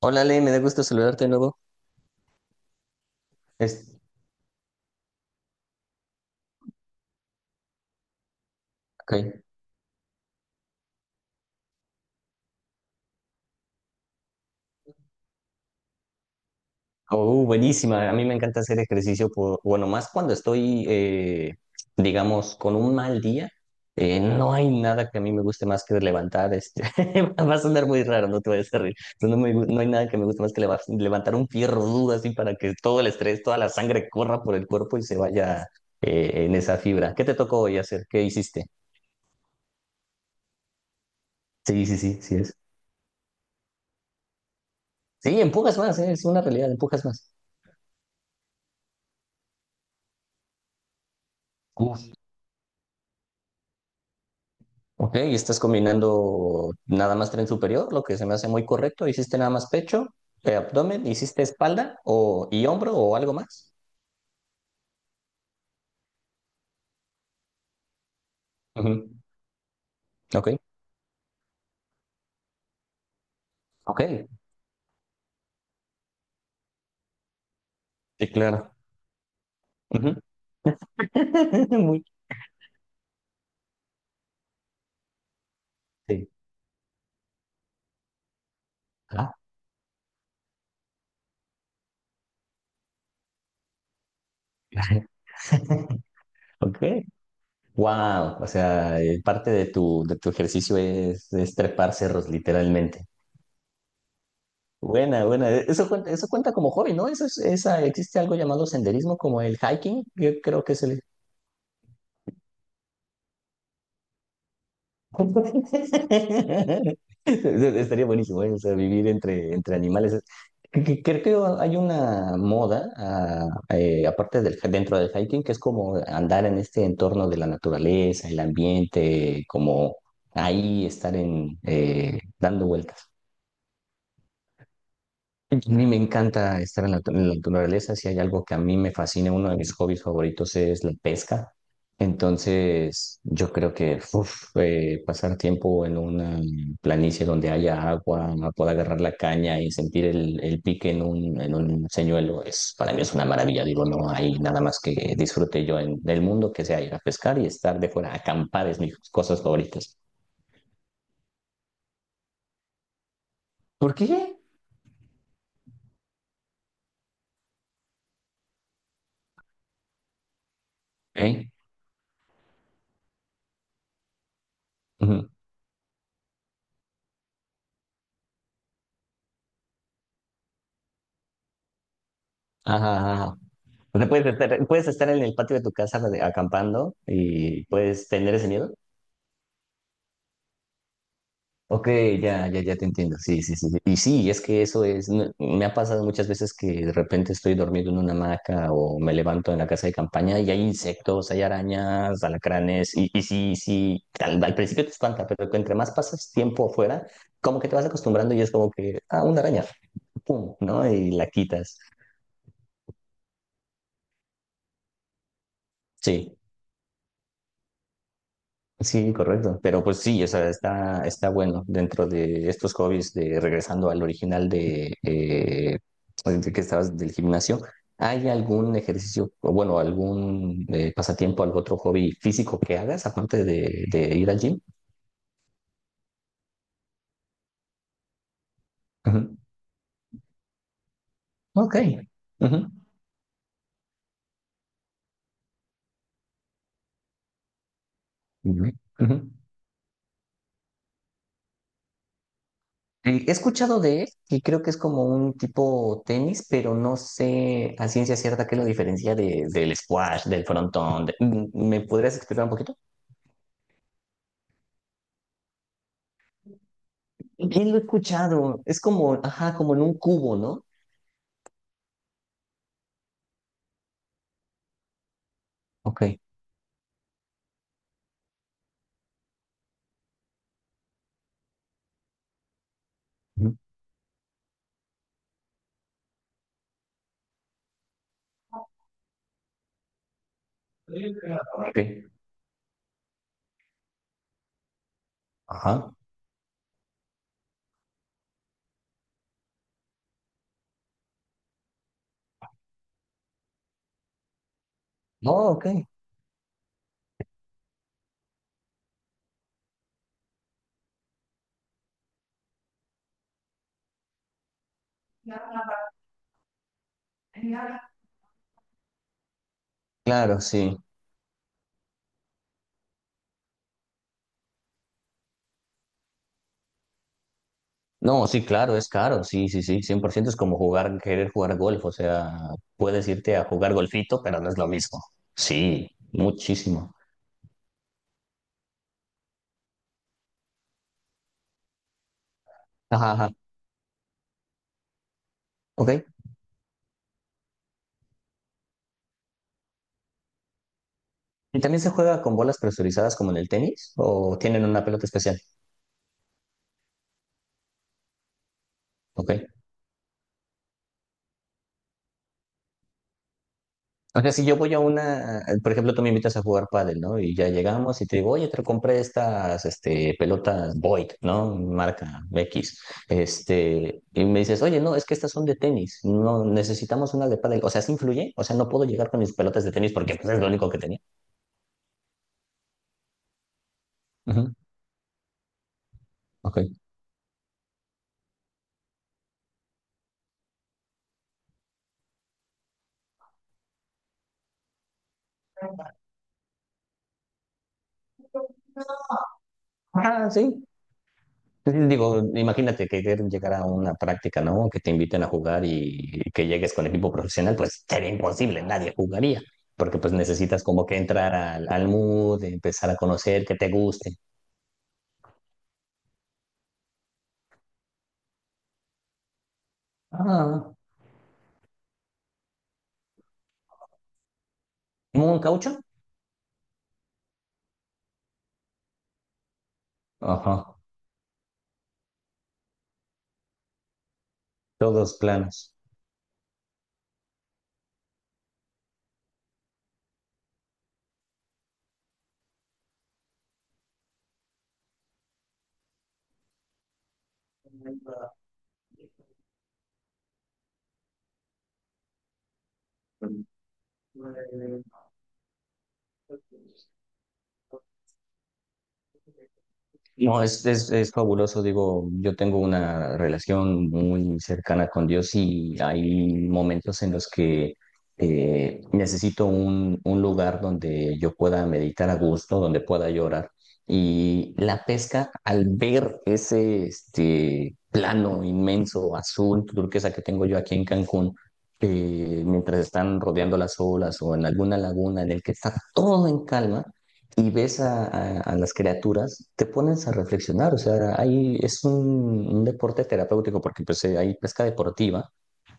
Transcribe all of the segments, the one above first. Hola, Le, me da gusto saludarte de nuevo. Es, okay. Oh, buenísima. A mí me encanta hacer ejercicio, bueno, más cuando estoy, digamos, con un mal día. No hay nada que a mí me guste más que levantar. Va a sonar muy raro, no te vayas a reír. Pero no, no hay nada que me guste más que levantar un fierro duro así para que todo el estrés, toda la sangre corra por el cuerpo y se vaya en esa fibra. ¿Qué te tocó hoy hacer? ¿Qué hiciste? Sí, sí, sí, sí es. Sí, empujas más, es una realidad, empujas más. Ok, y estás combinando nada más tren superior, lo que se me hace muy correcto. ¿Hiciste nada más pecho, abdomen, hiciste espalda o, y hombro o algo más? Ujú. Ok, ok, sí, claro. Ujú. Muy- sí. Ah, ok. Wow, o sea, parte de tu ejercicio es trepar cerros, literalmente. Buena, buena. Eso cuenta como hobby, ¿no? Existe algo llamado senderismo como el hiking, yo creo que es el. Estaría buenísimo, ¿eh? O sea, vivir entre animales. Creo que hay una moda, aparte del, dentro del hiking, que es como andar en este entorno de la naturaleza, el ambiente, como ahí estar dando vueltas. A mí me encanta estar en la naturaleza. Si hay algo que a mí me fascina, uno de mis hobbies favoritos es la pesca. Entonces, yo creo que uf, pasar tiempo en una planicie donde haya agua, poder agarrar la caña y sentir el pique en un señuelo, para mí es una maravilla. Digo, no hay nada más que disfrute yo en el mundo que sea ir a pescar y estar de fuera. Acampar es mis cosas favoritas. ¿Por qué? ¿Eh? Ujú. Ajá, ajá. O sea, puedes estar en el patio de tu casa acampando y puedes tener ese miedo. Ok, ya, ya, ya te entiendo. Sí, sí, sí, sí. Y sí, es que eso es, no- me ha pasado muchas veces que de repente estoy dormido en una hamaca o me levanto en la casa de campaña y hay insectos, hay arañas, alacranes. Y sí, sí, al principio te espanta, pero que entre más pasas tiempo afuera, como que te vas acostumbrando y es como que, ah, una araña, pum, ¿no? Y la quitas. Sí. Sí, correcto. Pero pues sí, o sea, está bueno dentro de estos hobbies de regresando al original de que estabas del gimnasio. ¿Hay algún ejercicio, o bueno, algún pasatiempo, algún otro hobby físico que hagas aparte de ir al gym? Ujú. Ok. Ujú. Ujú. Ujú. He escuchado de él y creo que es como un tipo tenis, pero no sé a ciencia cierta qué lo diferencia del squash, del frontón. ¿Me podrías explicar un poquito? Bien lo he escuchado. Es como, ajá, como en un cubo, ¿no? Ok. Ujú. Ok. Ajá. Oh, ok. Claro, sí. No, sí, claro, es caro. Sí, sí, sí. 100% es como querer jugar golf. O sea, puedes irte a jugar golfito, pero no es lo mismo. Sí, muchísimo. Ajá, ajá. Ok. ¿Y también se juega con bolas presurizadas como en el tenis? ¿O tienen una pelota especial? Ok. O sea, si yo voy a por ejemplo, tú me invitas a jugar pádel, ¿no? Y ya llegamos y te digo, oye, te compré estas, pelotas Void, ¿no? Marca X. Y me dices, oye, no, es que estas son de tenis, no, necesitamos una de pádel. O sea, ¿sí influye? O sea, no puedo llegar con mis pelotas de tenis porque pues, es lo único que tenía. Ujú, ok. Ah, sí, sí. Digo, imagínate que llegar a una práctica, ¿no? Que te inviten a jugar y que llegues con equipo profesional, pues sería imposible, nadie jugaría, porque pues necesitas como que entrar al mood, empezar a conocer, que te guste. Ah, ¿un caucho? Ajá, todos planos. No, es fabuloso, digo, yo tengo una relación muy cercana con Dios y hay momentos en los que necesito un lugar donde yo pueda meditar a gusto, donde pueda llorar. Y la pesca, al ver ese plano inmenso, azul, turquesa que tengo yo aquí en Cancún, mientras están rodeando las olas o en alguna laguna en el que está todo en calma, y ves a las criaturas, te pones a reflexionar. O sea, ahí es un deporte terapéutico porque pues, hay pesca deportiva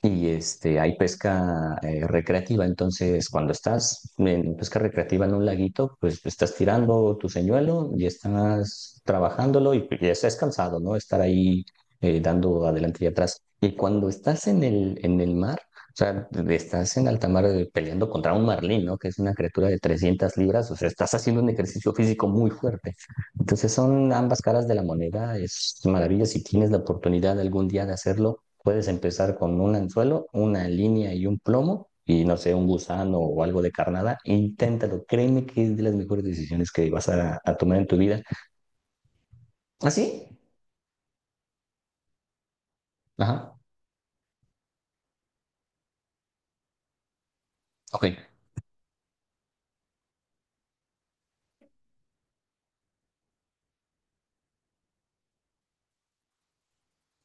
y hay pesca recreativa, entonces cuando estás en pesca recreativa en un laguito, pues estás tirando tu señuelo y estás trabajándolo y estás cansado, ¿no? Estar ahí dando adelante y atrás. Y cuando estás en el mar, o sea, estás en alta mar peleando contra un marlín, ¿no? Que es una criatura de 300 libras, o sea, estás haciendo un ejercicio físico muy fuerte. Entonces son ambas caras de la moneda, es maravilla si tienes la oportunidad algún día de hacerlo. Puedes empezar con un anzuelo, una línea y un plomo, y no sé, un gusano o algo de carnada. Inténtalo, créeme que es de las mejores decisiones que vas a tomar en tu vida. ¿Ah, sí? Ajá. Ok.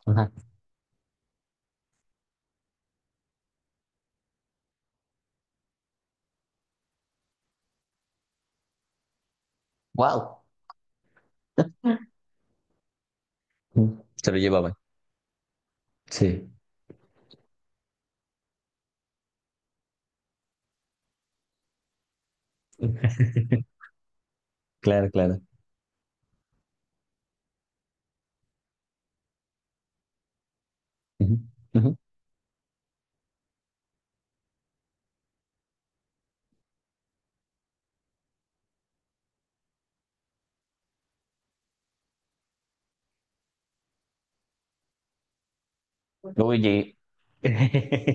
Ajá. Wow. Se lo llevaban. Sí. Claro, claro. Ujú, ujú. Oye,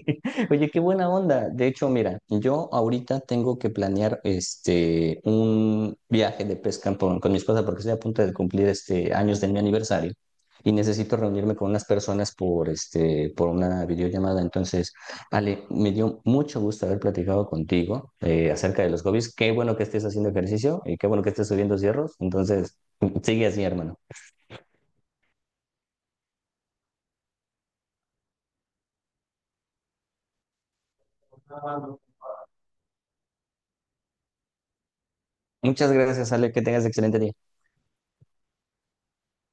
oye, qué buena onda. De hecho, mira, yo ahorita tengo que planear un viaje de pesca con mi esposa porque estoy a punto de cumplir años de mi aniversario y necesito reunirme con unas personas por una videollamada. Entonces, Ale, me dio mucho gusto haber platicado contigo acerca de los hobbies. Qué bueno que estés haciendo ejercicio y qué bueno que estés subiendo cierros. Entonces, sigue así, hermano. Muchas gracias, Ale, que tengas excelente día.